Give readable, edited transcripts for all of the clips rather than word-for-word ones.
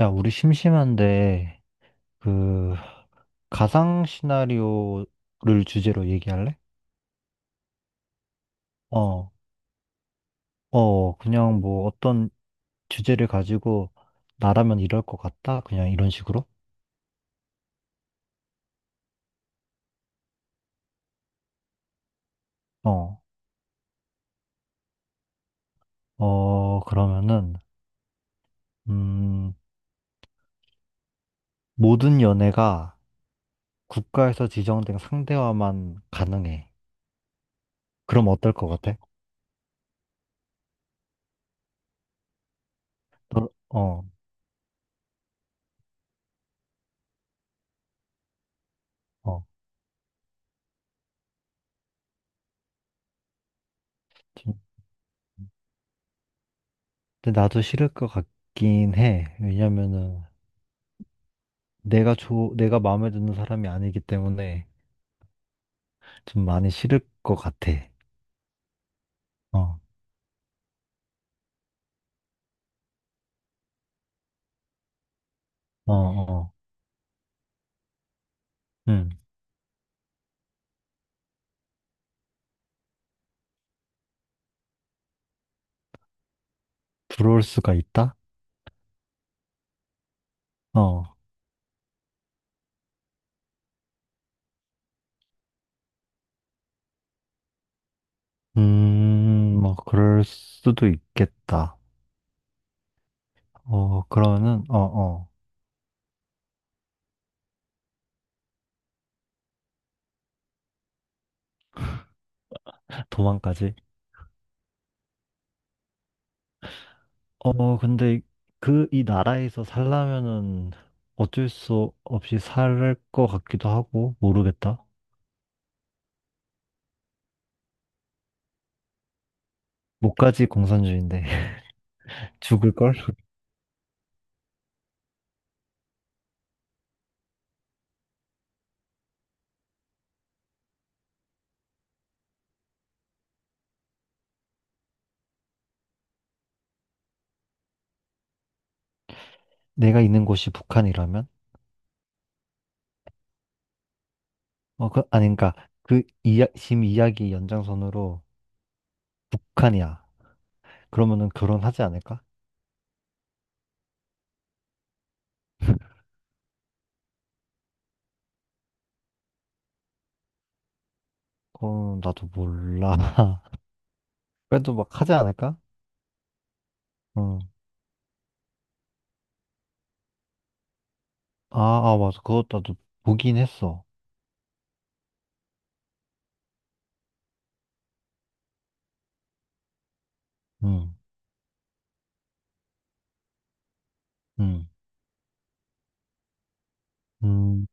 야, 우리 심심한데, 그, 가상 시나리오를 주제로 얘기할래? 어, 그냥 뭐 어떤 주제를 가지고 나라면 이럴 것 같다? 그냥 이런 식으로? 어, 그러면은, 음, 모든 연애가 국가에서 지정된 상대와만 가능해. 그럼 어떨 것 같아? 너, 어. 좀- 근데 나도 싫을 것 같긴 해. 왜냐면은, 내가 마음에 드는 사람이 아니기 때문에, 좀 많이 싫을 것 같아. 어, 어, 어, 음. 부러울 수가 있다? 어, 뭐, 그럴 수도 있겠다. 그러면은, 도망까지. 근데 이 나라에서 살려면은 어쩔 수 없이 살 것 같기도 하고, 모르겠다. 목까지 공산주의인데, 죽을걸? 내가 있는 곳이 북한이라면? 아니, 그니까, 지금 이야기 연장선으로 북한이야. 그러면은 결혼하지 않을까? 나도 몰라. 그래도 막 하지 않을까? 어. 아, 아, 맞아. 그것 나도 보긴 했어. 응, 응, 음,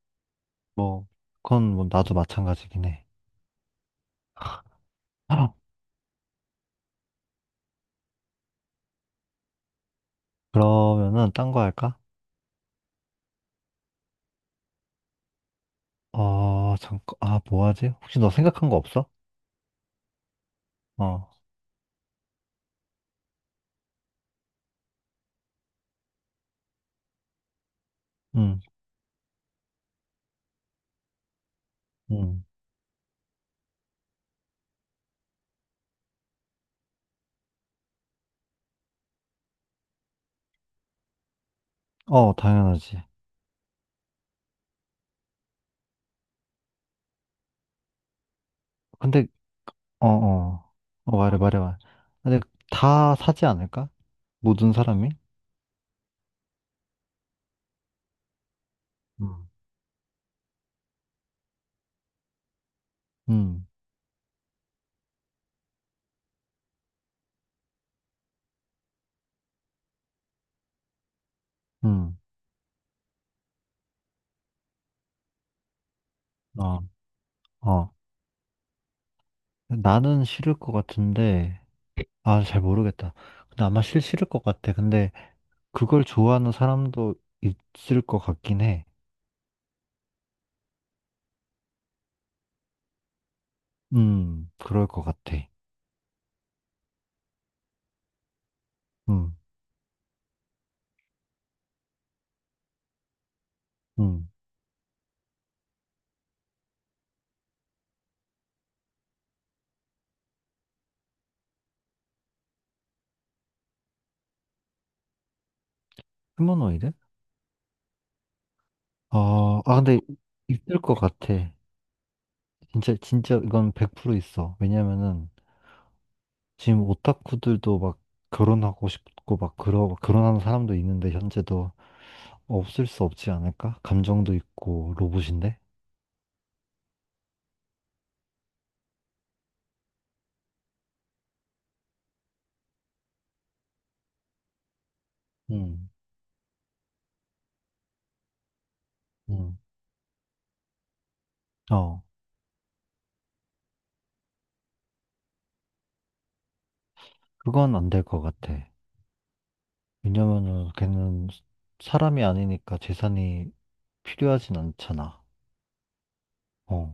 뭐, 그건 뭐 나도 마찬가지긴 해. 그러면은 딴 거 할까? 잠깐, 아, 뭐 하지? 혹시 너 생각한 거 없어? 어, 응, 응. 당연하지. 근데, 어, 어, 말해, 말해, 말해. 근데 다 사지 않을까? 모든 사람이? 응, 응, 응, 어, 어. 나는 싫을 것 같은데, 아, 잘 모르겠다. 근데 아마 싫을 것 같아. 근데 그걸 좋아하는 사람도 있을 것 같긴 해. 그럴 것 같아. 음, 음. 휴머노이드? 어, 근데 있을 것 같아. 진짜, 진짜 이건 100% 있어. 왜냐면은 지금 오타쿠들도 막 결혼하고 싶고 막 결혼하는 사람도 있는데 현재도 없을 수 없지 않을까? 감정도 있고 로봇인데? 음, 음. 어, 그건 안 될 것 같아. 왜냐면은 걔는 사람이 아니니까 재산이 필요하진 않잖아. 어,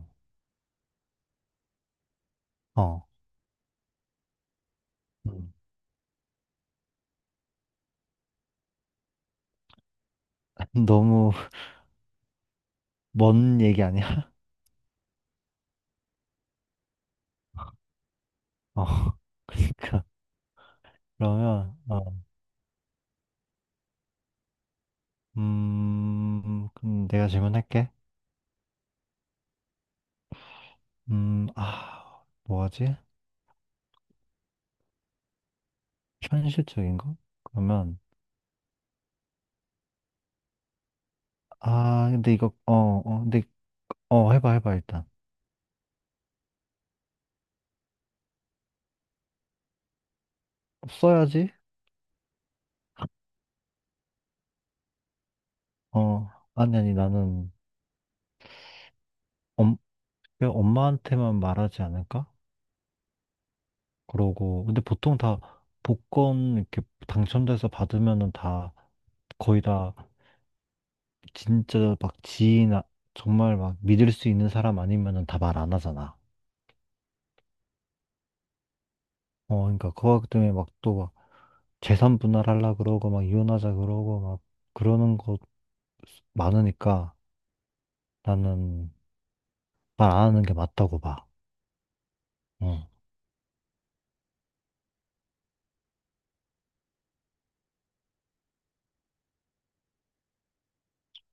어. 음. 너무 먼 얘기 아니야? 어, 그러니까 그러면 그럼 내가 질문할게. 아, 뭐하지? 현실적인 거? 그러면 근데 이거 근데 해봐, 해봐 일단. 써야지. 어, 아니 아니 나는 엄, 엄마한테만 말하지 않을까? 그러고 근데 보통 다 복권 이렇게 당첨돼서 받으면은 다 거의 다 진짜 막 지인 정말 막 믿을 수 있는 사람 아니면은 다 말 안 하잖아. 그러니까 그거 때문에 막 또 막 재산 분할하려 그러고 막 이혼하자 그러고 막 그러는 거 많으니까 나는 말 안 하는 게 맞다고 봐. 어.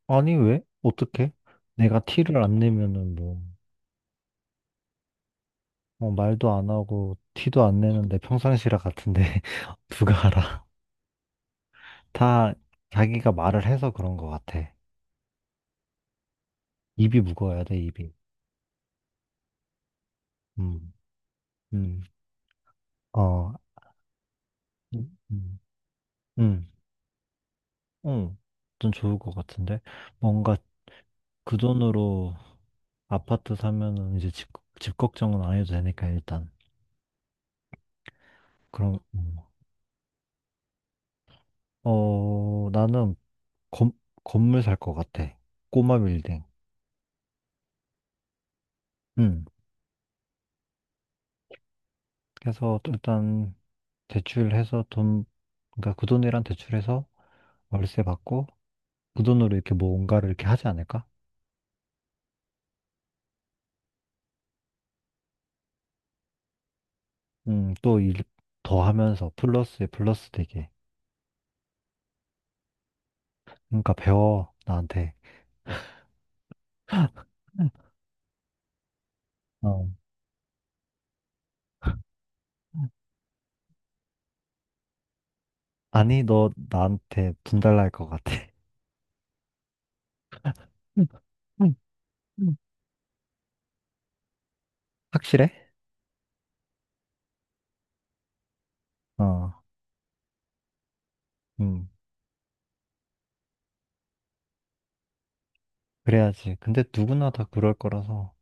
아니 왜? 어떻게? 내가 티를 안 내면은 뭐, 말도 안 하고 티도 안 내는데 평상시라 같은데 누가 알아? 다 자기가 말을 해서 그런 것 같아. 입이 무거워야 돼, 입이. 음, 음, 어, 음, 음, 음, 음. 좀 좋을 것 같은데. 뭔가 그 돈으로 아파트 사면은 이제 집 걱정은 안 해도 되니까, 일단. 그럼, 나는 건, 건물 살 것 같아. 꼬마 빌딩. 음. 그래서 일단 대출해서 돈, 그러니까 그 돈이랑 대출해서 월세 받고 그 돈으로 이렇게 뭔가를 이렇게 하지 않을까? 또 일 더 하면서 플러스에 플러스 되게. 그러니까 배워, 나한테. 응. 어. 아니, 너 나한테 분달날 것 같아. 응. 응. 응. 확실해? 어, 음, 그래야지. 근데 누구나 다 그럴 거라서,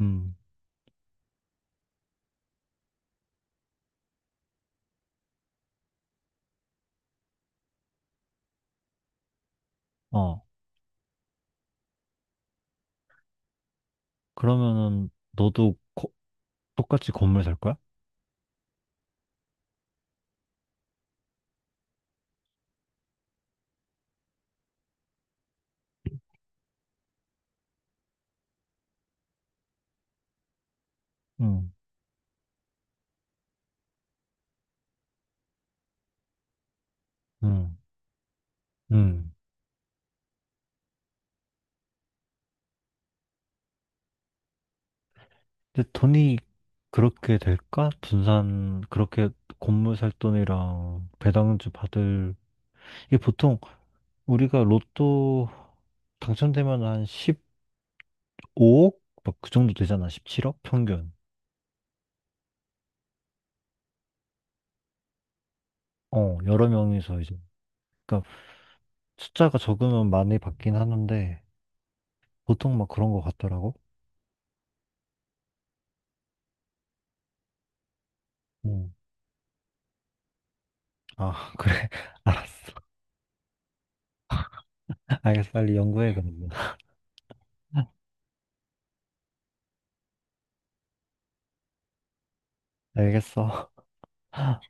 음, 어, 그러면은 너도 똑같이 건물 살 거야? 음, 음, 음. 근데 돈이 그렇게 될까? 분산, 그렇게 건물 살 돈이랑 배당주 받을 이게 보통 우리가 로또 당첨되면 한 15억? 막 그 정도 되잖아. 17억? 평균. 여러 명이서 이제. 그러니까 숫자가 적으면 많이 받긴 하는데, 보통 막 그런 거 같더라고. 음. 아, 그래. 알았어. 알겠어. 빨리 연구해, 그러면. 알겠어.